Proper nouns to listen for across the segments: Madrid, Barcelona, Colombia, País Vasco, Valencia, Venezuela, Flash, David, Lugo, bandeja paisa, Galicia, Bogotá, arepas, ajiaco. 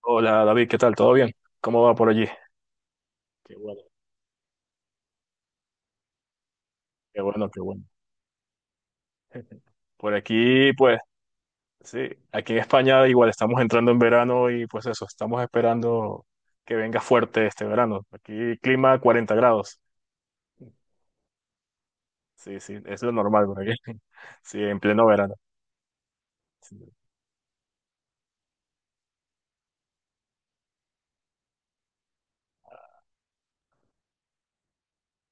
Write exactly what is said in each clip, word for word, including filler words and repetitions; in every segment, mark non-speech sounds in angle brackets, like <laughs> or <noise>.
Hola David, ¿qué tal? ¿Todo bien? ¿Cómo va por allí? Qué bueno, qué bueno, qué bueno. <laughs> Por aquí, pues, sí, aquí en España igual estamos entrando en verano y pues eso, estamos esperando que venga fuerte este verano. Aquí clima cuarenta grados. Sí, sí, es lo normal por aquí. <laughs> Sí, en pleno verano. Sí,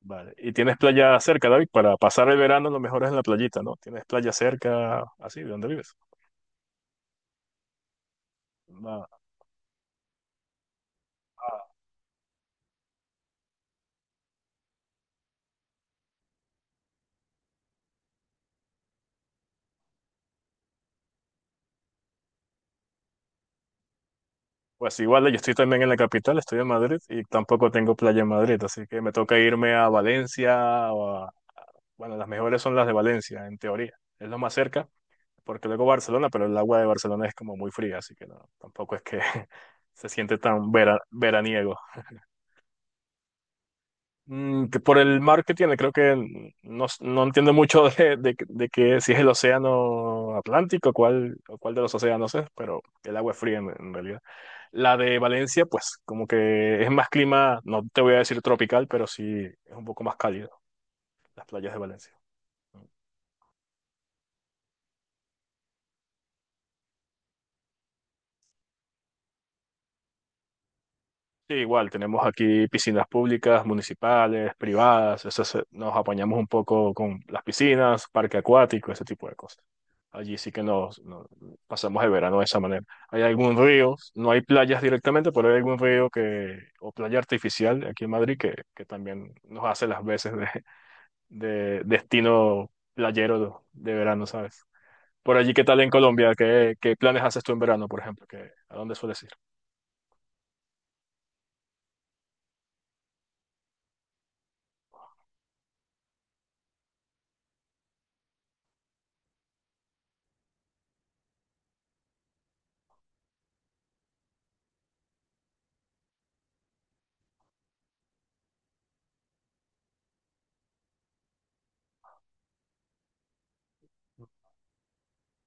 vale. ¿Y tienes playa cerca, David? Para pasar el verano lo mejor es en la playita, ¿no? ¿Tienes playa cerca, así, de donde vives? Pues igual, yo estoy también en la capital, estoy en Madrid y tampoco tengo playa en Madrid, así que me toca irme a Valencia o a Bueno, las mejores son las de Valencia, en teoría. Es lo más cerca, porque luego Barcelona, pero el agua de Barcelona es como muy fría, así que no, tampoco es que <laughs> se siente tan vera- veraniego. Mm, que por el mar que tiene, creo que n- no, s- no entiendo mucho <laughs> de, de, de, que si es el océano Atlántico, cuál, o cuál de los océanos es, pero el agua es fría en en realidad. La de Valencia, pues como que es más clima, no te voy a decir tropical, pero sí es un poco más cálido, las playas de Valencia. Sí, igual, tenemos aquí piscinas públicas, municipales, privadas, eso se- nos apañamos un poco con las piscinas, parque acuático, ese tipo de cosas. Allí sí que nos, nos- pasamos el verano de esa manera. Hay algún río, no hay playas directamente, pero hay algún río que, o playa artificial aquí en Madrid que, que, también nos hace las veces de, de destino playero de verano, ¿sabes? Por allí, ¿qué tal en Colombia? ¿Qué, qué planes haces tú en verano, por ejemplo? ¿Qué- ¿a dónde sueles ir?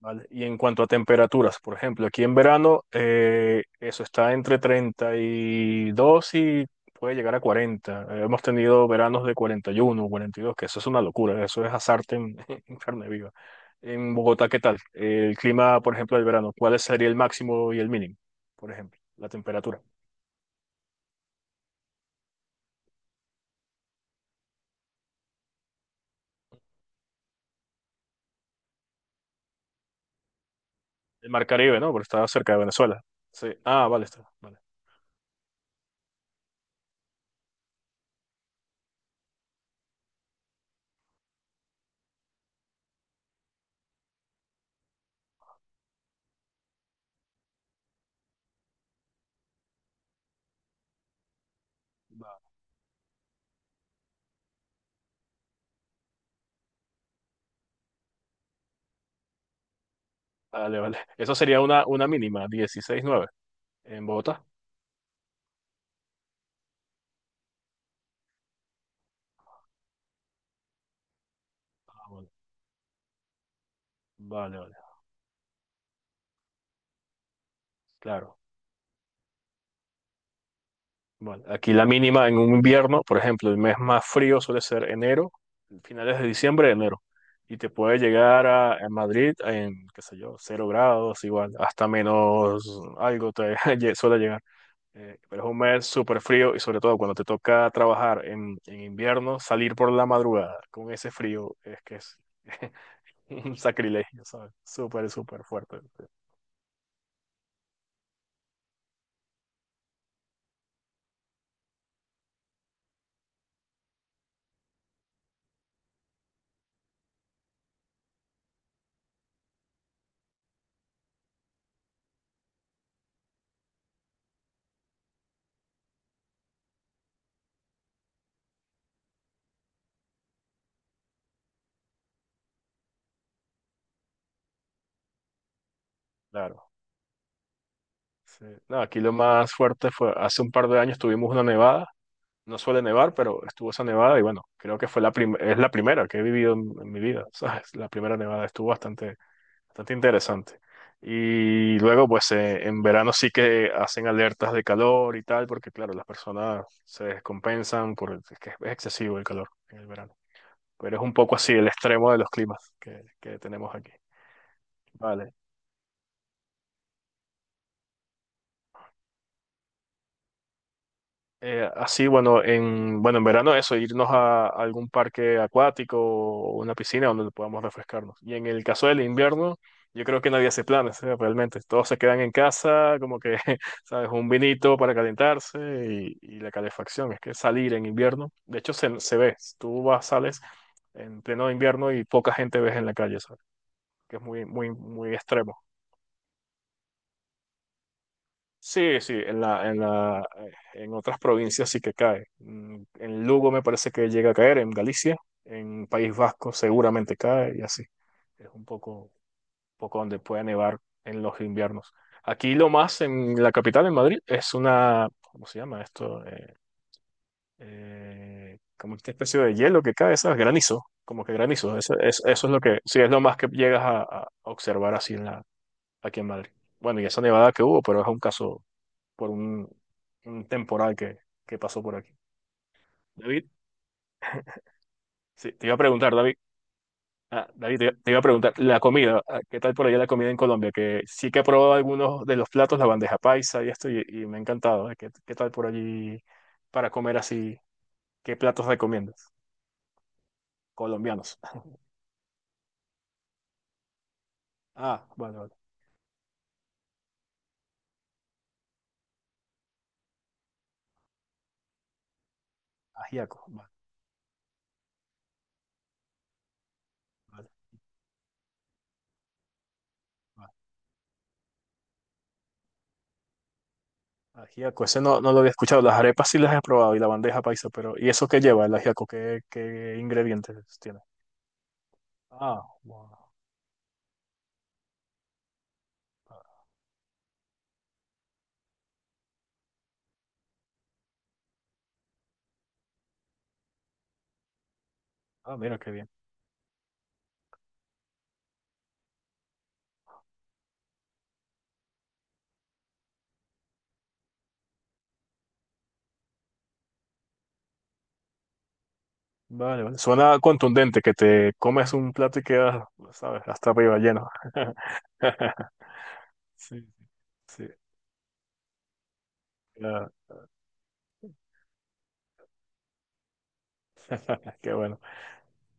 ¿Vale? Y en cuanto a temperaturas, por ejemplo, aquí en verano eh, eso está entre treinta y dos y puede llegar a cuarenta. Eh, hemos tenido veranos de cuarenta, cuarenta y uno, cuarenta y dos, que eso es una locura, eso es asarte en, <laughs> en carne viva. En Bogotá, ¿qué tal? El clima, por ejemplo, del verano, ¿cuál sería el máximo y el mínimo, por ejemplo? La temperatura. El Mar Caribe, ¿no? Porque está cerca de Venezuela. Sí. Ah, vale, está. Vale, Va- vale. Vale. Eso sería una, una, mínima, dieciséis nueve en Bogotá. Ah, bueno. Vale, vale. Claro. Bueno, aquí la mínima en un invierno, por ejemplo, el mes más frío suele ser enero, finales de diciembre, enero. Y te puede llegar a, a Madrid en, qué sé yo, cero grados, igual, hasta menos algo te <laughs> lle- suele llegar. Eh, pero es un mes súper frío y sobre todo cuando te toca trabajar en, en, invierno, salir por la madrugada con ese frío es que es <laughs> un sacrilegio, ¿sabes? Súper, súper fuerte. Sí. Claro. Sí. No, aquí lo más fuerte fue hace un par de años tuvimos una nevada. No suele nevar, pero estuvo esa nevada y bueno, creo que fue la prim- es la primera que he vivido en, en, mi vida, <laughs> ¿sabes? La primera nevada estuvo bastante Bastante interesante. Y luego, pues eh, en verano sí que hacen alertas de calor y tal, porque claro, las personas se descompensan porque es que es excesivo el calor en el verano. Pero es un poco así el extremo de los climas que, que tenemos aquí. Vale. Eh, así, bueno, en, bueno, en verano eso, irnos a, a algún parque acuático o una piscina donde podamos refrescarnos. Y en el caso del invierno, yo creo que nadie hace planes, ¿eh? Realmente. Todos se quedan en casa, como que, <laughs> ¿sabes? Un vinito para calentarse y, y la calefacción. Es que salir en invierno, de hecho, se, se ve. Tú vas, sales en pleno invierno y poca gente ves en la calle, ¿sabes? Que es muy, muy, muy extremo. Sí, sí, en la, en la, en otras provincias sí que cae. Mm, En Lugo me parece que llega a caer, en Galicia, en País Vasco seguramente cae y así. Es un poco, poco donde puede nevar en los inviernos. Aquí lo más en la capital, en Madrid, es una, ¿cómo se llama esto? Eh, eh, como esta especie de hielo que cae, ¿sabes? Granizo, como que granizo. Eso, es- eso es lo que, sí, es lo más que llegas a, a observar así en la, aquí en Madrid. Bueno, y esa nevada que hubo, pero es un caso por un, un temporal que, que pasó por aquí. David, sí, te iba a preguntar, David, ah, David, te, te iba a preguntar, la comida, ah, ¿qué tal por allá la comida en Colombia? Que sí que he probado algunos de los platos, la bandeja paisa y esto, y, y me ha encantado. ¿Eh? ¿Qué, qué tal por allí para comer así? ¿Qué platos recomiendas? Colombianos. Ah, vale, vale. Ajiaco, vale, vale, vale. Ajiaco, ese no, no lo había escuchado. Las arepas sí las he probado y la bandeja paisa, pero ¿y eso qué lleva el ajiaco? ¿Qué, qué ingredientes tiene? Ah, wow. Ah, mira qué bien. Vale, vale. Suena contundente que te comes un plato y quedas, ¿sabes? Hasta arriba lleno. <laughs> Sí, sí. Ah, <laughs> qué bueno.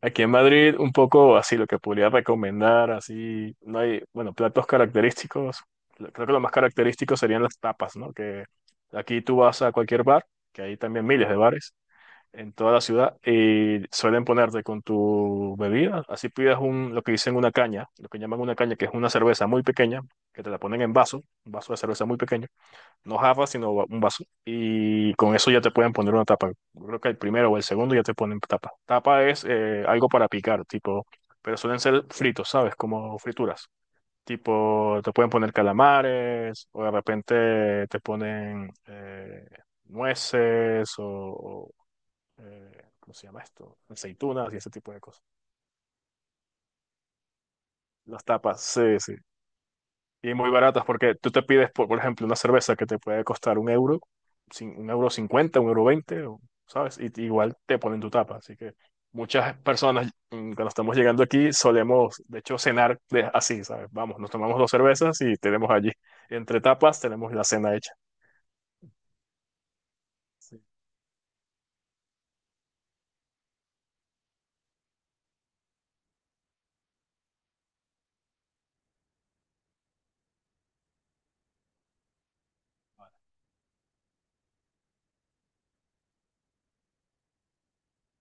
Aquí en Madrid, un poco así, lo que podría recomendar, así, no hay, bueno, platos característicos. Lo- Creo que lo más característico serían las tapas, ¿no? Que aquí tú vas a cualquier bar, que hay también miles de bares, en toda la ciudad y suelen ponerte con tu bebida. Así pidas un, lo que dicen una caña, lo que llaman una caña, que es una cerveza muy pequeña, que te la ponen en vaso, un vaso de cerveza muy pequeño, no jarra, sino va- un vaso. Y con eso ya te pueden poner una tapa. Yo creo que el primero o el segundo ya te ponen tapa. Tapa es eh, algo para picar, tipo, pero suelen ser fritos, ¿sabes? Como frituras. Tipo, te pueden poner calamares o de repente te ponen eh, nueces o, eh, ¿cómo se llama esto? Aceitunas y ese tipo de cosas. Las tapas, sí, sí. Y muy baratas porque tú te pides, por, por ejemplo, una cerveza que te puede costar un euro, cin- un euro cincuenta, un euro veinte, o- ¿sabes? Y t- igual te ponen tu tapa. Así que muchas personas, mm, cuando estamos llegando aquí, solemos, de hecho, cenar de- así, ¿sabes? Vamos, nos tomamos dos cervezas y tenemos allí, entre tapas, tenemos la cena hecha. Sí.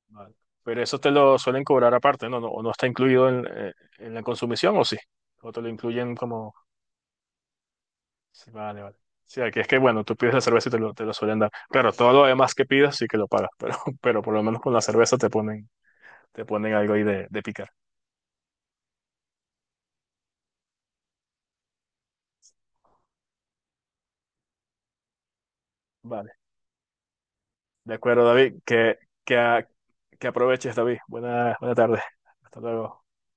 Vale. Pero eso te lo suelen cobrar aparte, ¿no? No, o no está incluido en, eh, en la consumición, ¿o sí? O te lo incluyen como... Sí, vale, vale. Sí, aquí es que, bueno, tú pides la cerveza y te lo, te lo suelen dar. Claro, todo lo demás que pidas sí que lo pagas, pero, <laughs> pero por lo menos con la cerveza te ponen, te ponen algo ahí de, de, picar. Vale. De acuerdo, David. Que, que, a- que aproveches, David. Buena, buena tarde. Hasta luego.